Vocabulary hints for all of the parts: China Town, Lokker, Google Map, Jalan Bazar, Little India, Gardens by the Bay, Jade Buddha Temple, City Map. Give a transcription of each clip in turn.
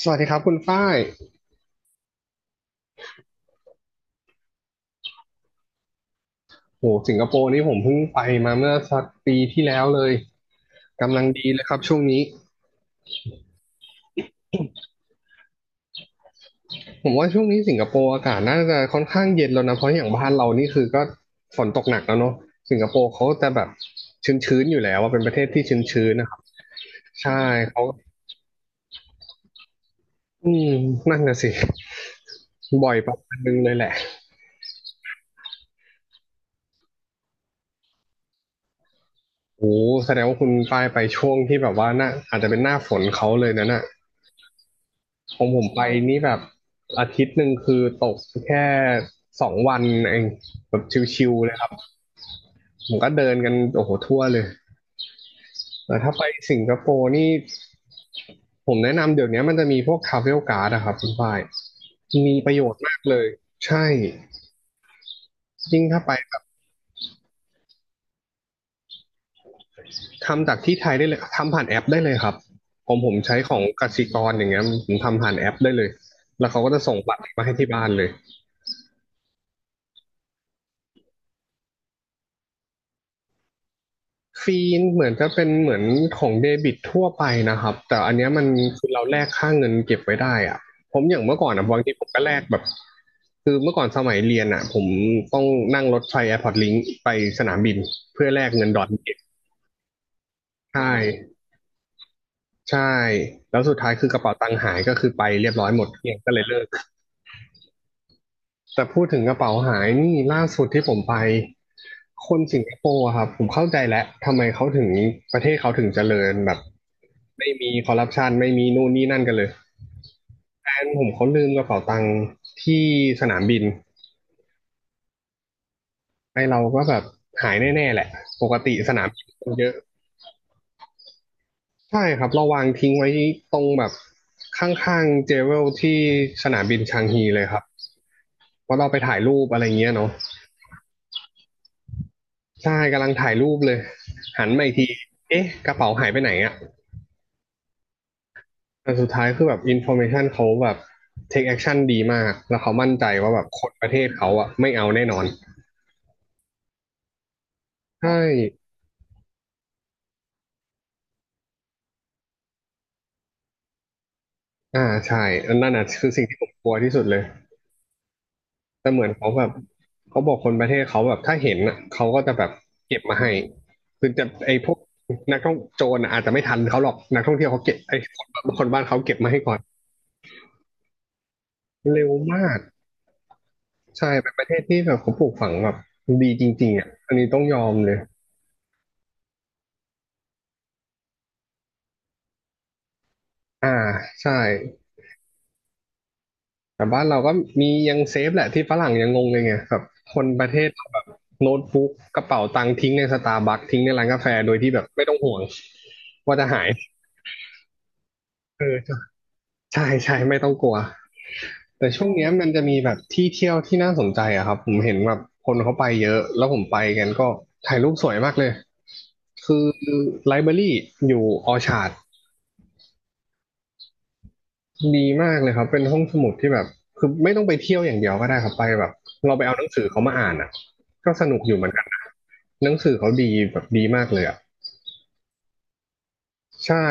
สวัสดีครับคุณฝ้ายโหสิงคโปร์นี่ผมเพิ่งไปมาเมื่อสักปีที่แล้วเลยกำลังดีเลยครับช่วงนี้ผมว่าช่วงนี้สิงคโปร์อากาศน่าจะค่อนข้างเย็นแล้วนะเพราะอย่างบ้านเรานี่คือก็ฝนตกหนักแล้วเนาะสิงคโปร์เขาจะแบบชื้นๆอยู่แล้วว่าเป็นประเทศที่ชื้นๆนะครับใช่เขาอืมนั่นน่ะสิบ่อยประมาณนึงเลยแหละโอ้แสดงว่าคุณฝ้ายไปช่วงที่แบบว่าน่าอาจจะเป็นหน้าฝนเขาเลยนะน่ะ ของผมไปนี่แบบอาทิตย์หนึ่งคือตกแค่สองวันเองแบบชิวๆเลยครับผมก็เดินกันโอ้โหทั่วเลยแต่ถ้าไปสิงคโปร์นี่ผมแนะนำเดี๋ยวนี้มันจะมีพวกทราเวลการ์ดอะครับคุณฝ้ายมีประโยชน์มากเลยใช่ยิ่งถ้าไปแบบทำจากที่ไทยได้เลยทำผ่านแอปได้เลยครับผมใช้ของกสิกรอย่างเงี้ยผมทำผ่านแอปได้เลยแล้วเขาก็จะส่งบัตรมาให้ที่บ้านเลย ฟีนเหมือนจะเป็นเหมือนของเดบิตทั่วไปนะครับแต่อันเนี้ยมันคือเราแลกค่าเงินเก็บไว้ได้อะผมอย่างเมื่อก่อนอะบางทีผมก็แลกแบบคือเมื่อก่อนสมัยเรียนอะผมต้องนั่งรถไฟแอร์พอร์ตลิงไปสนามบินเพื่อแลกเงินดอทเก็บใช่ใช่แล้วสุดท้ายคือกระเป๋าตังค์หายก็คือไปเรียบร้อยหมดเกลี้ยงก็เลยเลิกแต่พูดถึงกระเป๋าหายนี่ล่าสุดที่ผมไปคนสิงคโปร์อะครับผมเข้าใจแล้วทำไมเขาถึงประเทศเขาถึงเจริญแบบ ไม่มีคอร์รัปชันไม่มีนู่นนี่นั่นกันเลยแฟนผมเขาลืมกระเป๋าตังค์ที่สนามบินไอเราก็แบบหายแน่ๆแหละปกติสนามบินคนเยอะใช่ครับเราวางทิ้งไว้ตรงแบบข้างๆเจเวลที่สนามบินชางฮีเลยครับเพราะเราไปถ่ายรูปอะไรเงี้ยเนาะใช่กำลังถ่ายรูปเลยหันมาอีกทีเอ๊ะกระเป๋าหายไปไหนอะแต่สุดท้ายคือแบบอินโฟอร์เมชันเขาแบบเทคแอคชั่นดีมากแล้วเขามั่นใจว่าแบบคนประเทศเขาอะไม่เอาแน่นอนใช่ อ่าใช่อันนั่นน่ะคือสิ่งที่ผมกลัวที่สุดเลยแต่เหมือนเขาแบบเขาบอกคนประเทศเขาแบบถ้าเห็นอ่ะเขาก็จะแบบเก็บมาให้คือจะไอ้พวกนักท่องโจรน่ะอาจจะไม่ทันเขาหรอกนักท่องเที่ยวเขาเก็บไอ้คนบ้านเขาเก็บมาให้ก่อนเร็วมากใช่เป็นประเทศที่แบบเขาปลูกฝังแบบดีจริงๆอ่ะอันนี้ต้องยอมเลยอ่าใช่ แต่บ้านเราก็มียังเซฟแหละที่ฝรั่งยังงงเลยไงแบบคนประเทศเราแบบโน้ตบุ๊กกระเป๋าตังค์ทิ้งในสตาร์บัคทิ้งในร้านกาแฟโดยที่แบบไม่ต้องห่วงว่าจะหายเออใช่ใช่ไม่ต้องกลัวแต่ช่วงเนี้ยมันจะมีแบบที่เที่ยวที่น่าสนใจอะครับผมเห็นแบบคนเขาไปเยอะแล้วผมไปกันก็ถ่ายรูปสวยมากเลยคือไลบรารีอยู่ออชาร์ด ดีมากเลยครับเป็นห้องสมุดที่แบบคือไม่ต้องไปเที่ยวอย่างเดียวก็ได้ครับไปแบบเราไปเอาหนังสือเขามาอ่านอ่ะก็สนุกอยู่เหมือนกันนะหนังสือเขาดีแบบดีมากเลยอ่ะใช่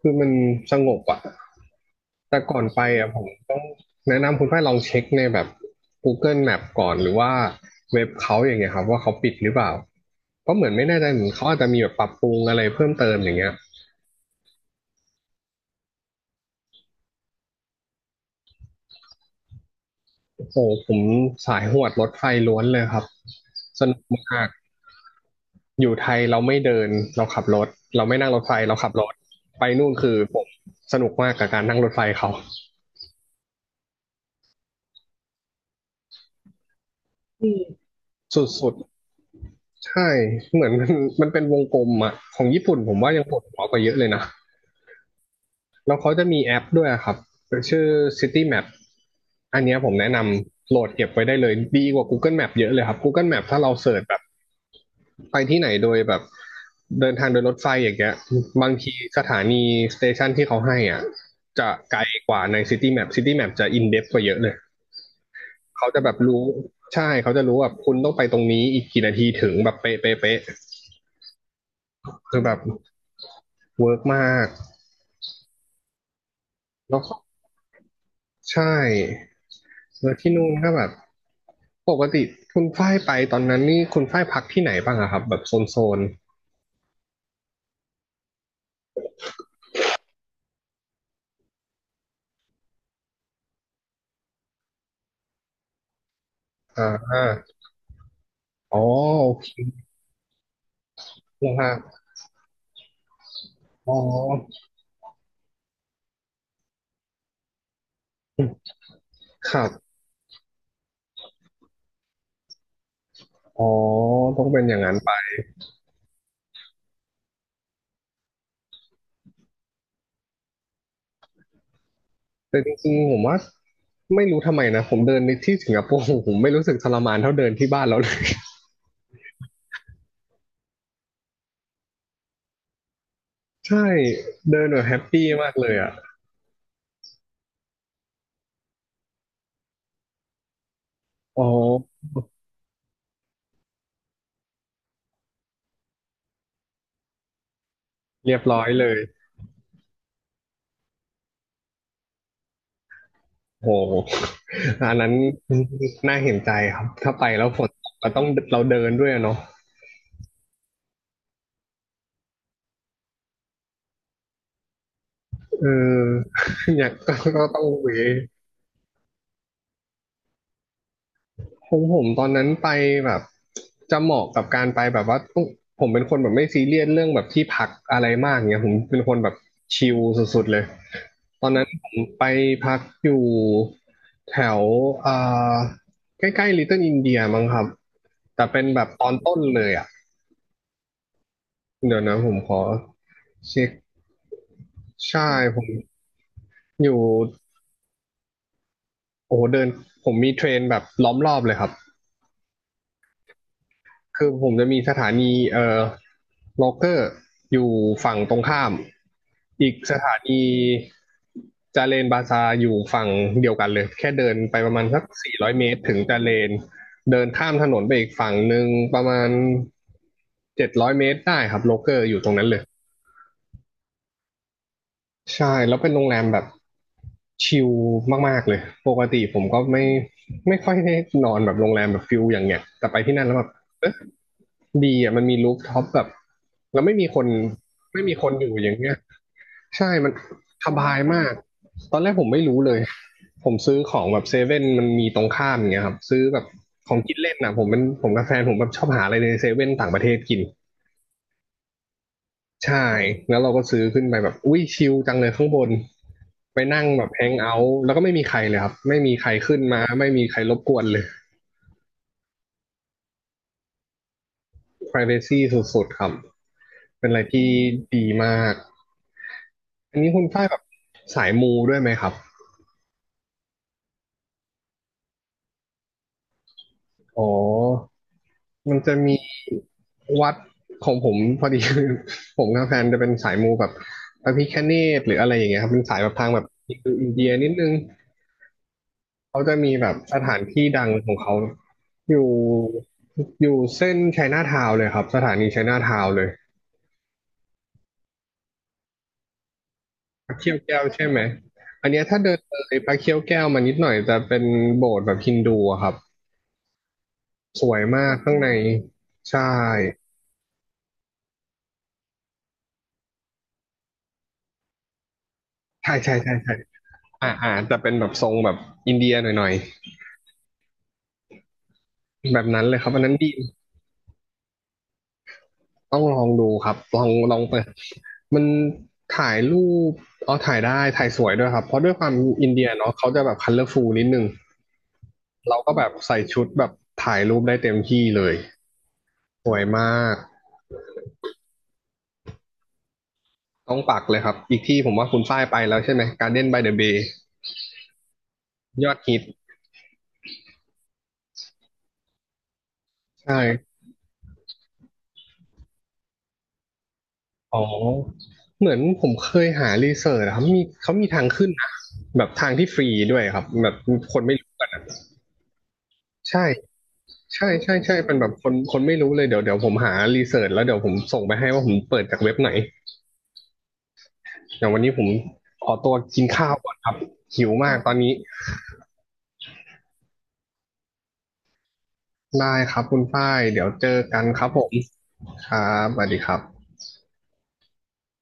คือมันสงบอ่ะแต่ก่อนไปอ่ะผมต้องแนะนำคุณฝ้ายลองเช็คในแบบ Google Map ก่อนหรือว่าเว็บเขาอย่างเงี้ยครับว่าเขาปิดหรือเปล่าก็เหมือนไม่แน่ใจเหมือนเขาอาจจะมีแบบปรับปรุงอะไรเพิ่มเติมอย่างเงี้ยโอ้โหผมสายหวดรถไฟล้วนเลยครับสนุกมาก อยู่ไทยเราไม่เดินเราขับรถเราไม่นั่งรถไฟเราขับรถไปนู่นคือผมสนุกมากกับการนั่งรถไฟเขาสุดๆใช่เหมือน มันเป็นวงกลมอะของญี่ปุ่นผมว่ายังปวดหัวกว่าเยอะเลยนะแล้วเขาจะมีแอปด้วยอะครับชื่อ City Map อันเนี้ยผมแนะนำโหลดเก็บไว้ได้เลยดีกว่า Google Map เยอะเลยครับ Google Map ถ้าเราเสิร์ชแบบ ไปที่ไหนโดยแบบเดินทางโดยรถไฟอย่างเงี้ยบางทีสถานีสเตชันที่เขาให้อ่ะจะไกลกว่าในซิตี้แมปซิตี้แมปจะอินเด t กว่าเยอะเลยเขาจะแบบรู้ใช่เขาจะรู้แบบคุณต้องไปตรงนี้อีกกี่นาทีถึงแบบเป๊ะเป๊ะเป๊ะคือแบบเวิร์กมากแล้วก็ใช่แล้วที่นู่นก็แบบปกติคุณฝ้ายไปตอนนั้นนี่คุณฝ้ายพักที่ไหนบ้างอะครับแบบโซนอ่าอ๋อโอเคครับอ๋อครับอ๋อต้องเป็นอย่างนั้น แต่จริงๆผมว่าไม่รู้ทำไมนะผมเดินในที่สิงคโปร์ผมไม่รู้สึกทรมานเท่าเดินที่บ้านเราเลย ใช่เดินแบบแฮปปี้มากเลยอ่ะอ๋อเรียบร้อยเลยโอ้โหอันนั้นน่าเห็นใจครับถ้าไปแล้วฝนตกก็ต้องเราเดินด้วยอะเนาะเออ อยากก็ต้องเว ของผมตอนนั้นไปแบบจะเหมาะกับการไปแบบว่าต้องผมเป็นคนแบบไม่ซีเรียสเรื่องแบบที่พักอะไรมากเงี้ยผมเป็นคนแบบชิลสุดๆเลยตอนนั้นผมไปพักอยู่แถวอ่าใกล้ๆลิตเติ้ลอินเดียมั้งครับแต่เป็นแบบตอนต้นเลยอ่ะเดี๋ยวนะผมขอเช็คใช่ผมอยู่โอ้โหเดินผมมีเทรนแบบล้อมรอบเลยครับ คือผมจะมีสถานีโลเกอร์อยู่ฝั่งตรงข้ามอีกสถานีจาเลนบาซาอยู่ฝั่งเดียวกันเลยแค่เดินไปประมาณสัก400 เมตรถึงจาเลนเดินข้ามถนนไปอีกฝั่งหนึ่งประมาณ700 เมตรได้ครับโลเกอร์อยู่ตรงนั้นเลยใช่แล้วเป็นโรงแรมแบบชิลมากๆเลยปกติผมก็ไม่ค่อยได้นอนแบบโรงแรมแบบฟิลอย่างเงี้ยแต่ไปที่นั่นแล้วแบบ ดีอ่ะมันมีรูฟท็อปแบบแล้วไม่มีคนอยู่อย่างเงี้ยใช่มันสบายมากตอนแรกผมไม่รู้เลยผมซื้อของแบบเซเว่นมันมีตรงข้ามอย่างเงี้ยครับซื้อแบบของกินเล่นนะผมเป็นผมกับแฟนผมแบบชอบหาอะไรในเซเว่นต่างประเทศกินใช่แล้วเราก็ซื้อขึ้นไปแบบอุ้ยชิลจังเลยข้างบนไปนั่งแบบแฮงเอาท์แล้วก็ไม่มีใครเลยครับไม่มีใครขึ้นมาไม่มีใครรบกวนเลย privacy สุดๆครับเป็นอะไรที่ดีมาก อันนี้คุณฝ้ายแบบสายมูด้วยไหมครับอ๋อมันจะมีวัดของผมพอดี ผมกับแฟนจะเป็นสายมูแบบพระพิฆเนศหรืออะไรอย่างเงี้ยครับเป็นสายแบบทางแบบอินเดียนิดนึงเขาจะมีแบบสถานที่ดังของเขาอยู่อยู่เส้นไชน่าทาวน์เลยครับสถานีไชน่าทาวน์เลยพระเขี้ยวแก้วใช่ไหมอันเนี้ยถ้าเดินเลยพระเขี้ยวแก้วมานิดหน่อยจะเป็นโบสถ์แบบฮินดูอะครับสวยมากข้างในใช่ ใช่ใช่ใช่ใช่อ่าอ่าแต่เป็นแบบทรงแบบอินเดียหน่อยๆแบบนั้นเลยครับอันนั้นดีต้องลองดูครับลองเปิดมันถ่ายรูปอ๋อถ่ายได้ถ่ายสวยด้วยครับเพราะด้วยความอินเดียเนาะเขาจะแบบคัลเลอร์ฟูลนิดนึงเราก็แบบใส่ชุดแบบถ่ายรูปได้เต็มที่เลยสวยมากต้องปักเลยครับอีกที่ผมว่าคุณฝ้ายไปแล้วใช่ไหมการ d เด b นบายเดอะเบย์ยอดฮิตใช่ อ๋อเหมือนผมเคยหารีเสิร์ชอะครับมีเขามีทางขึ้นนะแบบทางที่ฟรีด้วยครับแบบคนไม่รู้ใช่ใช่เป็นแบบคนไม่รู้เลยเดี๋ยวผมหารีเสิร์ชแล้วเดี๋ยวผมส่งไปให้ว่าผมเปิดจากเว็บไหนอย่างวันนี้ผมขอตัวกินข้าวก่อนครับหิวมากตอนนี้ได้ครับคุณฝ้ายเดี๋ยวเจอกันครับผมครับสวัสดีครับ